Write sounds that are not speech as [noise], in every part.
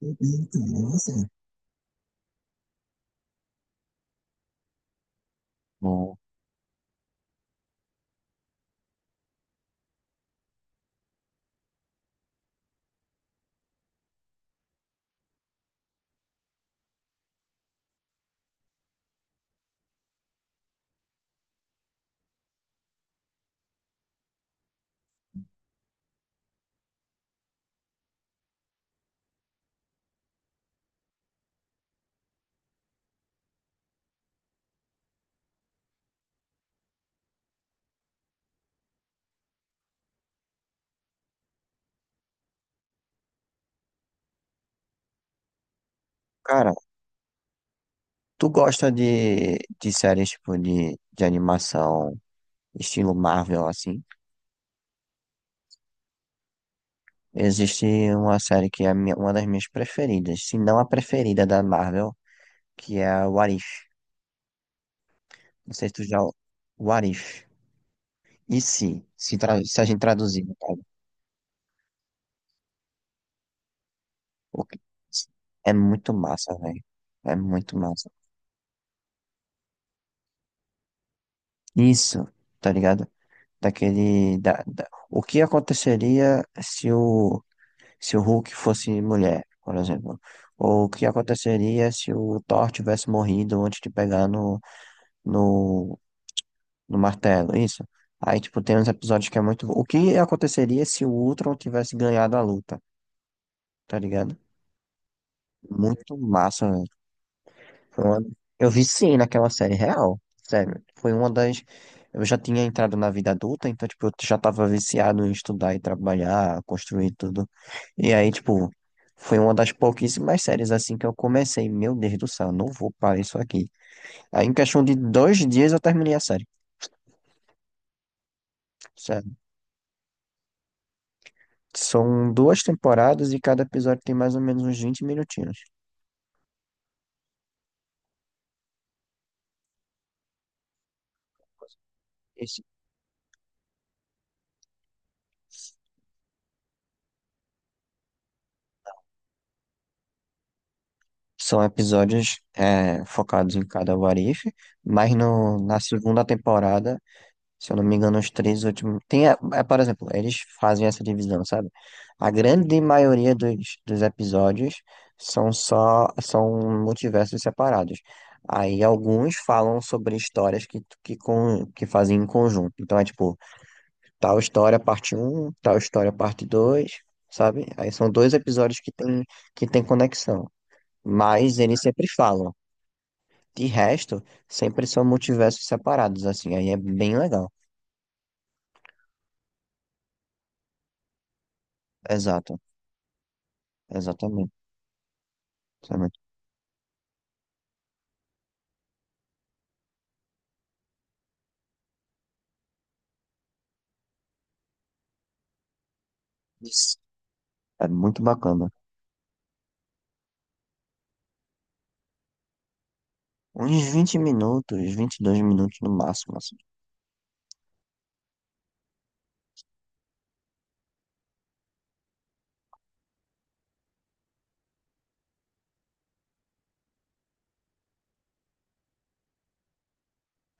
Então, nossa. Bom, cara, tu gosta de séries tipo de animação estilo Marvel, assim? Existe uma série que é uma das minhas preferidas, se não a preferida da Marvel, que é a What If. Não sei se tu já... What If. E se? Se a gente traduzir, no caso. O que- É muito massa, velho. É muito massa. Isso, tá ligado? Daquele... O que aconteceria se o se o Hulk fosse mulher, por exemplo. Ou o que aconteceria se o Thor tivesse morrido antes de pegar no, no martelo, isso. Aí, tipo, tem uns episódios que é muito... O que aconteceria se o Ultron tivesse ganhado a luta, tá ligado? Muito massa, velho. Foi uma- Eu viciei naquela série real, sério. Foi uma das. Eu já tinha entrado na vida adulta, então, tipo, eu já tava viciado em estudar e trabalhar, construir tudo. E aí, tipo, foi uma das pouquíssimas séries assim que eu comecei. Meu Deus do céu, não vou parar isso aqui. Aí, em questão de dois dias, eu terminei a série. Sério. São duas temporadas e cada episódio tem mais ou menos uns vinte minutinhos. Esse- São episódios focados em cada What If, mas na segunda temporada. Se eu não me engano, os três últimos. Tem, por exemplo, eles fazem essa divisão, sabe? A grande maioria dos episódios são só, são multiversos separados. Aí alguns falam sobre histórias que fazem em conjunto. Então é tipo, tal história parte um, tal história parte dois, sabe? Aí são dois episódios que tem conexão. Mas eles sempre falam. De resto, sempre são multiversos separados, assim. Aí é bem legal. Exato. Exatamente. Sinceramente. Isso. É muito bacana. Uns vinte minutos, 22 minutos no máximo, assim.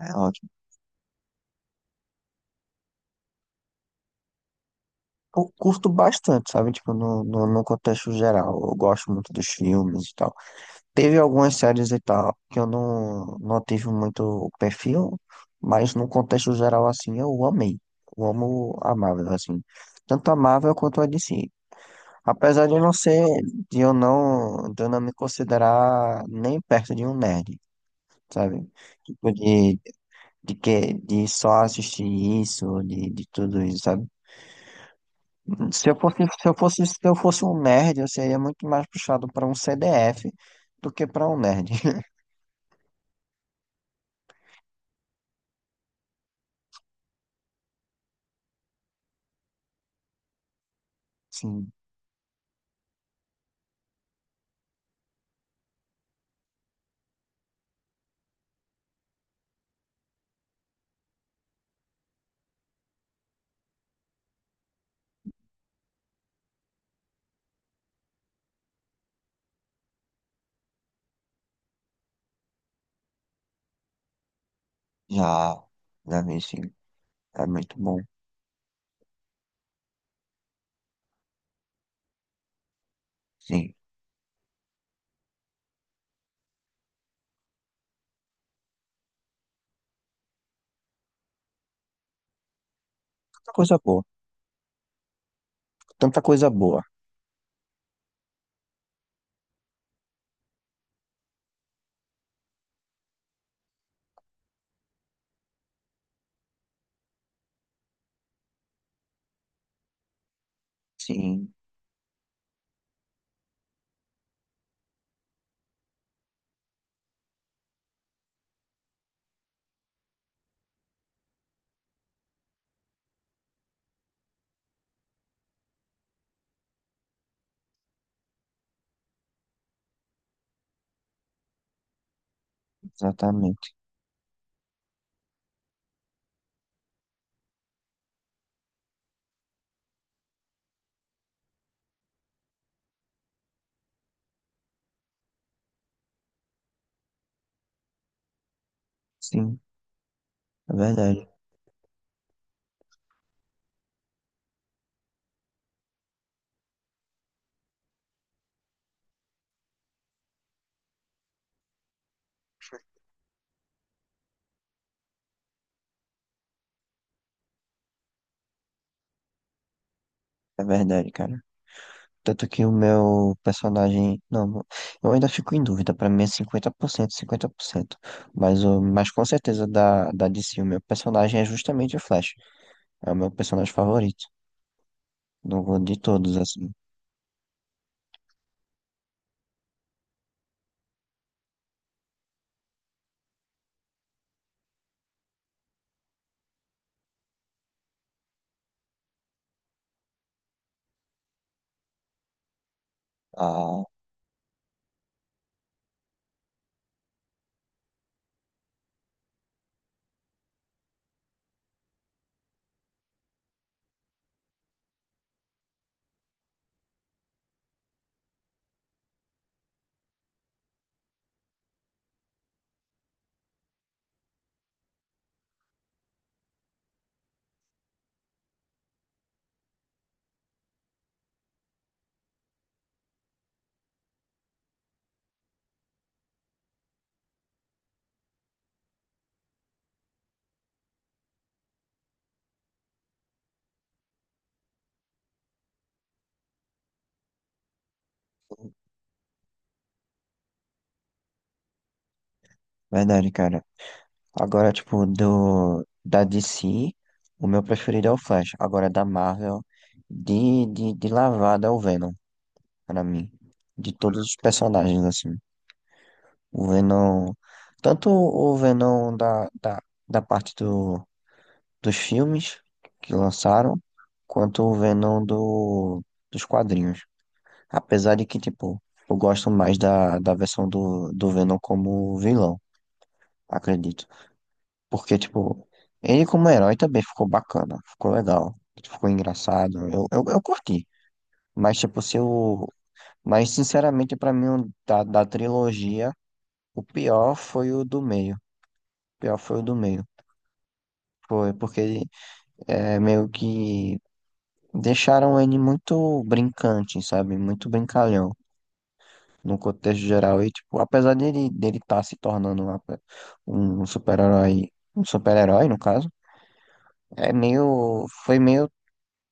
É ótimo. Eu curto bastante, sabe? Tipo, no contexto geral. Eu gosto muito dos filmes e tal. Teve algumas séries e tal que eu não tive muito o perfil, mas no contexto geral, assim, eu amei. Eu amo a Marvel, assim. Tanto a Marvel quanto a DC. Apesar de eu não ser, de eu não me considerar nem perto de um nerd, sabe? Tipo, de só assistir isso, de tudo isso, sabe? Se eu fosse um nerd, eu seria muito mais puxado para um CDF do que para um nerd. [laughs] Sim, já, já vi, sim. É muito bom. Sim, tanta coisa boa. Tanta coisa boa. Sim, exatamente. Sim, é verdade. É verdade, cara. Tanto que o meu personagem. Não, eu ainda fico em dúvida. Pra mim é 50%, 50%. Mas, mas com certeza da DC, o meu personagem é justamente o Flash. É o meu personagem favorito. De todos, assim. Ah, verdade, cara. Agora, tipo, da DC, o meu preferido é o Flash. Agora, da Marvel, de lavada é o Venom, pra mim. De todos os personagens, assim. O Venom. Tanto o Venom da parte dos filmes que lançaram, quanto o Venom dos quadrinhos. Apesar de que, tipo, eu gosto mais da versão do Venom como vilão, acredito. Porque, tipo, ele como herói também ficou bacana, ficou legal, ficou engraçado. Eu curti. Mas, tipo, se eu. Mas, sinceramente, pra mim, o da trilogia, o pior foi o do meio. O pior foi o do meio. Foi, porque é meio que deixaram ele muito brincante, sabe? Muito brincalhão no contexto geral. E, tipo, apesar dele estar se tornando um super-herói, um super-herói, no caso, é meio, foi meio,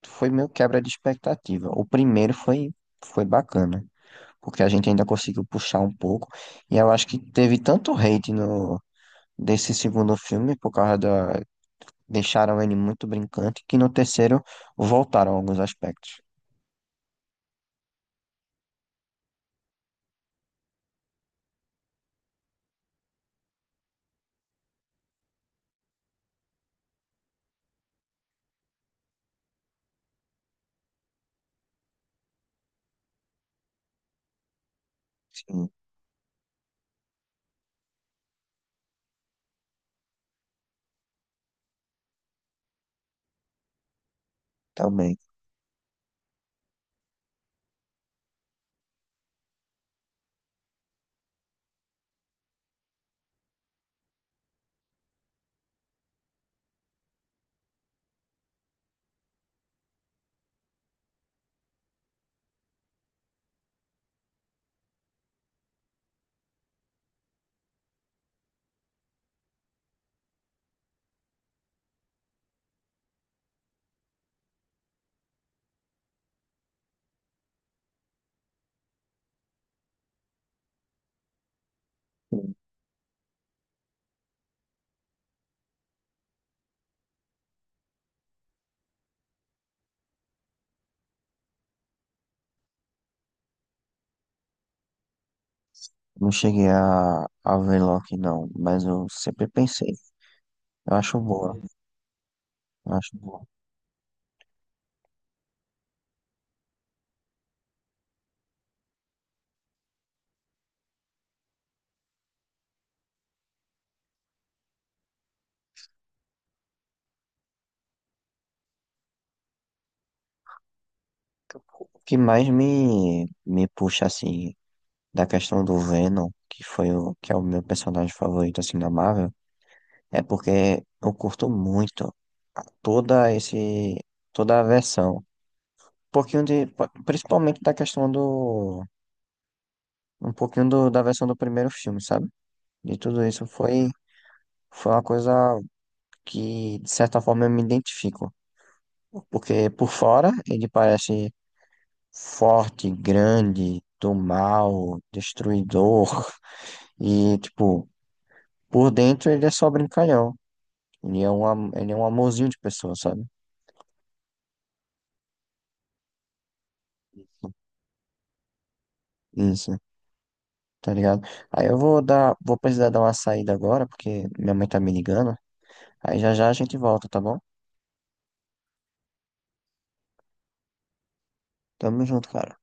foi meio quebra de expectativa. O primeiro foi, foi bacana, porque a gente ainda conseguiu puxar um pouco. E eu acho que teve tanto hate no, desse segundo filme por causa da deixaram ele muito brincante, que no terceiro voltaram alguns aspectos. Sim, também. Não cheguei a ver Loki, não, mas eu sempre pensei. Eu acho boa, eu acho boa. O que mais me puxa, assim, da questão do Venom, que foi o, que é o meu personagem favorito, assim, da Marvel, é porque eu curto muito toda esse, toda a versão. Um pouquinho de, principalmente da questão do, um pouquinho do, da versão do primeiro filme, sabe? De tudo isso foi, foi uma coisa que, de certa forma, eu me identifico. Porque por fora ele parece forte, grande, do mal, destruidor. E, tipo, por dentro ele é só brincalhão. Ele é um, ele é um amorzinho de pessoa, sabe? Isso, tá ligado? Aí eu vou dar, vou precisar dar uma saída agora, porque minha mãe tá me ligando. Aí já já a gente volta, tá bom? Tamo junto, cara.